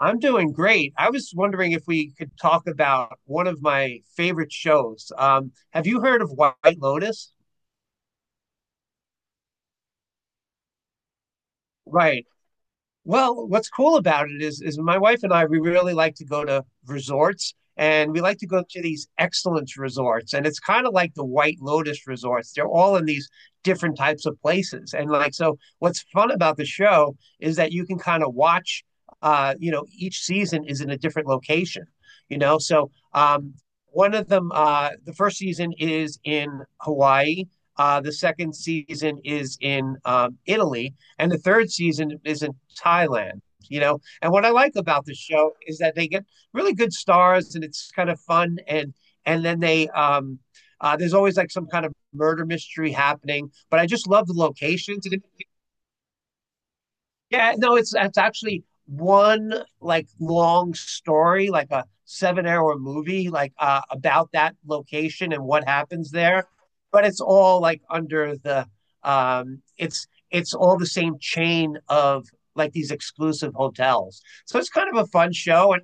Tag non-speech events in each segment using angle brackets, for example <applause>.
I'm doing great. I was wondering if we could talk about one of my favorite shows. Have you heard of White Lotus? Right. Well, what's cool about it is my wife and I we really like to go to resorts, and we like to go to these excellence resorts, and it's kind of like the White Lotus resorts. They're all in these different types of places. And like so what's fun about the show is that you can kind of watch each season is in a different location, you know? So one of them the first season is in Hawaii. The second season is in Italy, and the third season is in Thailand, you know. And what I like about the show is that they get really good stars, and it's kind of fun. And then they There's always like some kind of murder mystery happening, but I just love the locations and it yeah, no, it's actually one like long story, like a 7 hour movie, like about that location and what happens there. But it's all like under the it's all the same chain of like these exclusive hotels. So it's kind of a fun show, and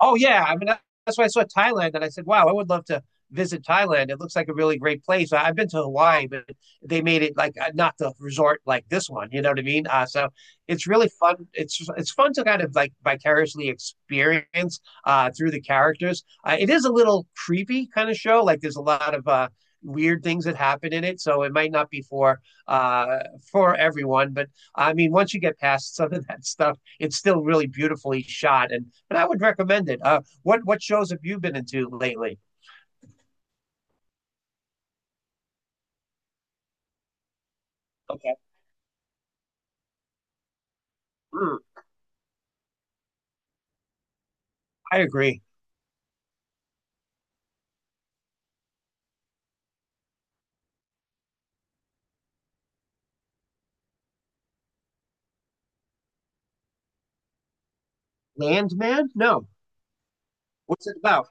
oh yeah, I mean that's why I saw Thailand and I said, wow, I would love to visit Thailand. It looks like a really great place. I've been to Hawaii, but they made it like not the resort like this one. You know what I mean? So it's really fun. It's fun to kind of like vicariously experience through the characters. It is a little creepy kind of show. Like there's a lot of weird things that happen in it, so it might not be uh, for everyone. But I mean, once you get past some of that stuff, it's still really beautifully shot, and I would recommend it. What shows have you been into lately? Okay. Mm. I agree. Landman? No. What's it about?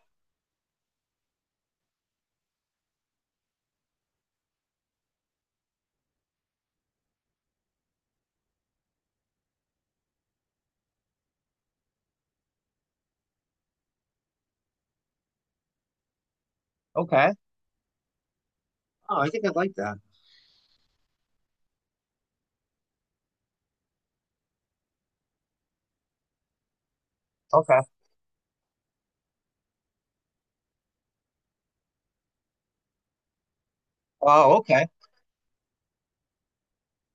Okay. Oh, I think I like that. Okay. Oh, okay.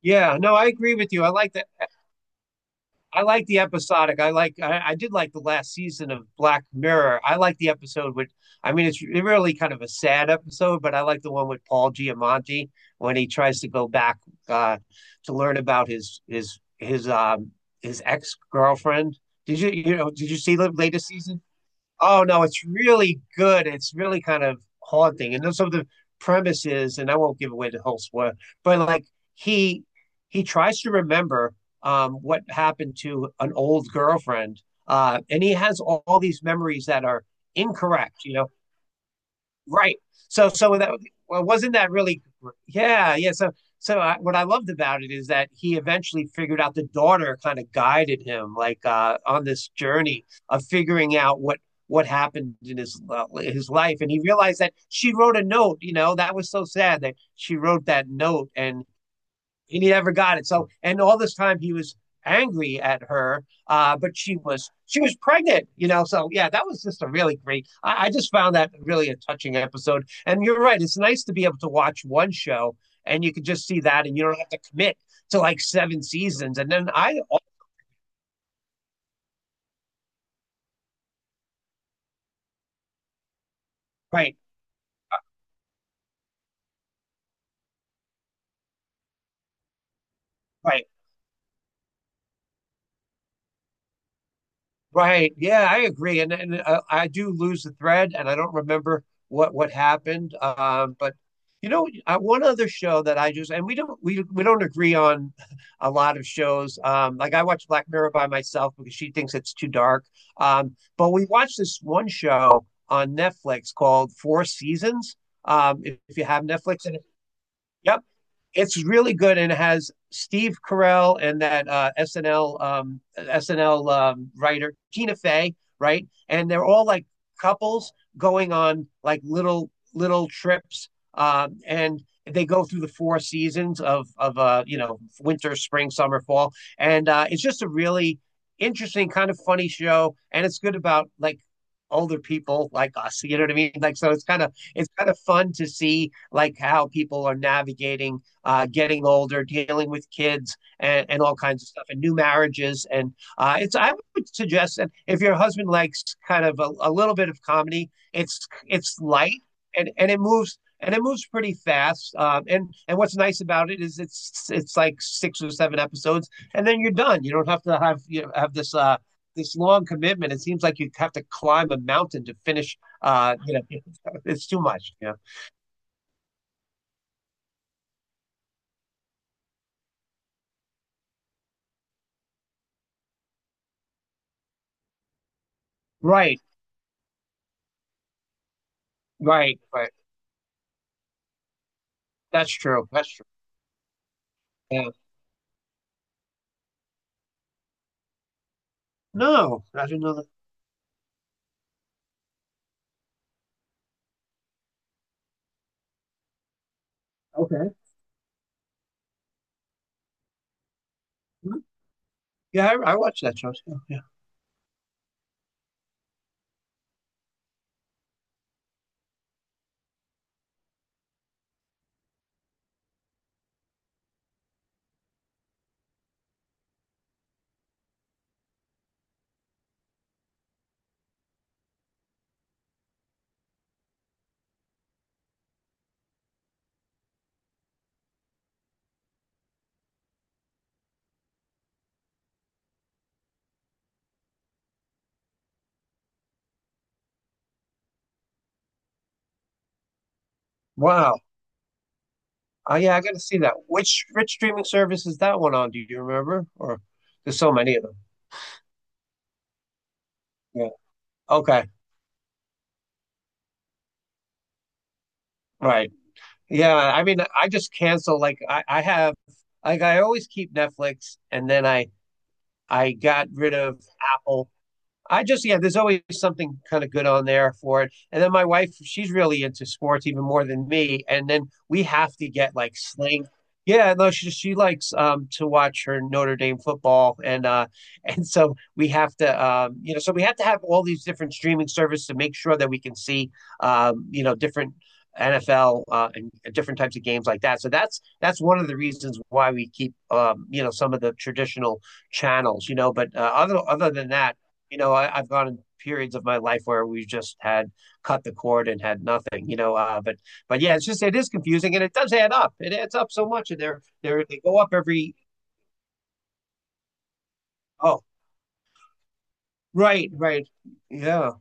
Yeah. No, I agree with you. I like that. I like the episodic. I did like the last season of Black Mirror. I like the episode with I mean it's really kind of a sad episode, but I like the one with Paul Giamatti when he tries to go back uh to learn about his his ex girlfriend. Did you you know did you see the latest season? Oh no, it's really good. It's really kind of haunting. And then some of the premises, and I won't give away the whole spoiler, but like he he tries to remember what happened to an old girlfriend. And he has all these memories that are incorrect. You know. Right. So so that well, wasn't that really yeah, yeah. So so I, What I loved about it is that he eventually figured out the daughter kind of guided him like on this journey of figuring out what happened in his life, and he realized that she wrote a note, you know, that was so sad that she wrote that note, and he never got it. So, and all this time he was angry at her, but she was pregnant, you know. So yeah, that was just a really great. I just found that really a touching episode. And you're right; it's nice to be able to watch one show, and you can just see that, and you don't have to commit to like seven seasons. And then I, oh, right, right. Right. Yeah, I agree. And I do lose the thread, and I don't remember what happened. But you know, one other show that I just, and we don't agree on <laughs> a lot of shows. Like I watch Black Mirror by myself because she thinks it's too dark. But we watched this one show on Netflix called Four Seasons. If you have Netflix, and yep, it's really good, and it has Steve Carell and that SNL SNL writer Tina Fey, right? And they're all like couples going on like little trips, and they go through the four seasons of you know, winter, spring, summer, fall, and it's just a really interesting kind of funny show, and it's good about like older people like us, you know what I mean, like so it's kind of fun to see like how people are navigating getting older, dealing with kids, and all kinds of stuff, and new marriages. And it's I would suggest that if your husband likes kind of a little bit of comedy, it's light, and it moves pretty fast. And what's nice about it is it's like six or seven episodes, and then you're done. You don't have to have, you know, have this this long commitment. It seems like you have to climb a mountain to finish. You know, <laughs> it's too much. Yeah, right, right, right. That's true. That's yeah. No, no, I didn't know that. Okay. Hmm. Yeah, I watched that show too. Yeah. Wow. Oh, yeah, I gotta see that. Which streaming service is that one on? Do you remember? Or there's so many of them. Yeah. Okay. Right. Yeah. I mean, I just cancel. Like I have, like I always keep Netflix, and then I got rid of Apple. I just Yeah, there's always something kind of good on there for it. And then my wife, she's really into sports even more than me. And then we have to get like sling. Yeah, no, she likes to watch her Notre Dame football, and <laughs> and so we have to so we have to have all these different streaming services to make sure that we can see different NFL and different types of games like that. So that's one of the reasons why we keep, some of the traditional channels, you know, but other than that, you know, I've gone in periods of my life where we just had cut the cord and had nothing, you know. But yeah, it's just it is confusing, and it does add up. It adds up so much, and they're they go up every. Oh, right, right, yeah,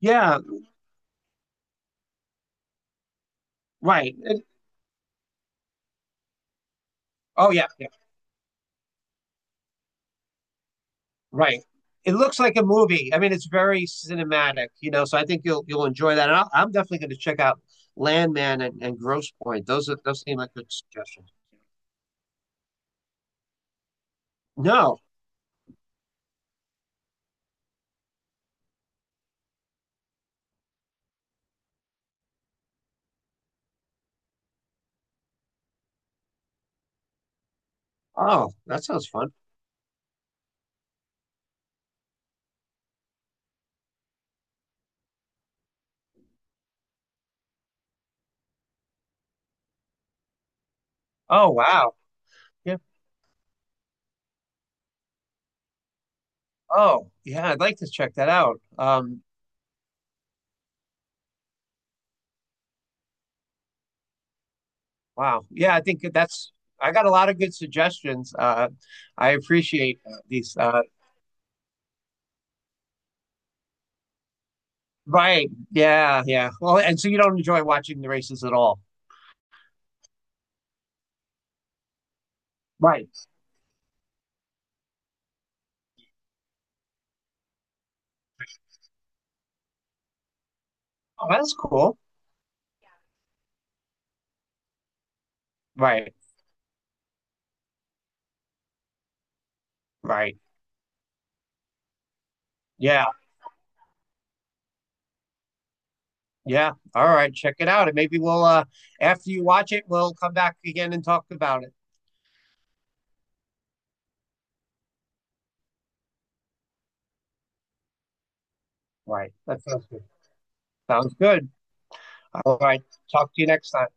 yeah, right. Oh yeah, yeah, right. It looks like a movie. I mean, it's very cinematic, you know. So I think you'll enjoy that. And I'm definitely going to check out Landman and Gross Point. Those are, those seem like good suggestions. No. Oh, that sounds fun. Oh wow. Yeah. Oh, yeah, I'd like to check that out. Wow. Yeah, I think that's I got a lot of good suggestions. I appreciate these. Right. Yeah, yeah. Well, and so you don't enjoy watching the races at all. Right. Oh, that's cool. Right, right. Yeah, yeah. All right, check it out. And maybe we'll after you watch it, we'll come back again and talk about it. Right. That sounds good. Sounds good. All right. Talk to you next time.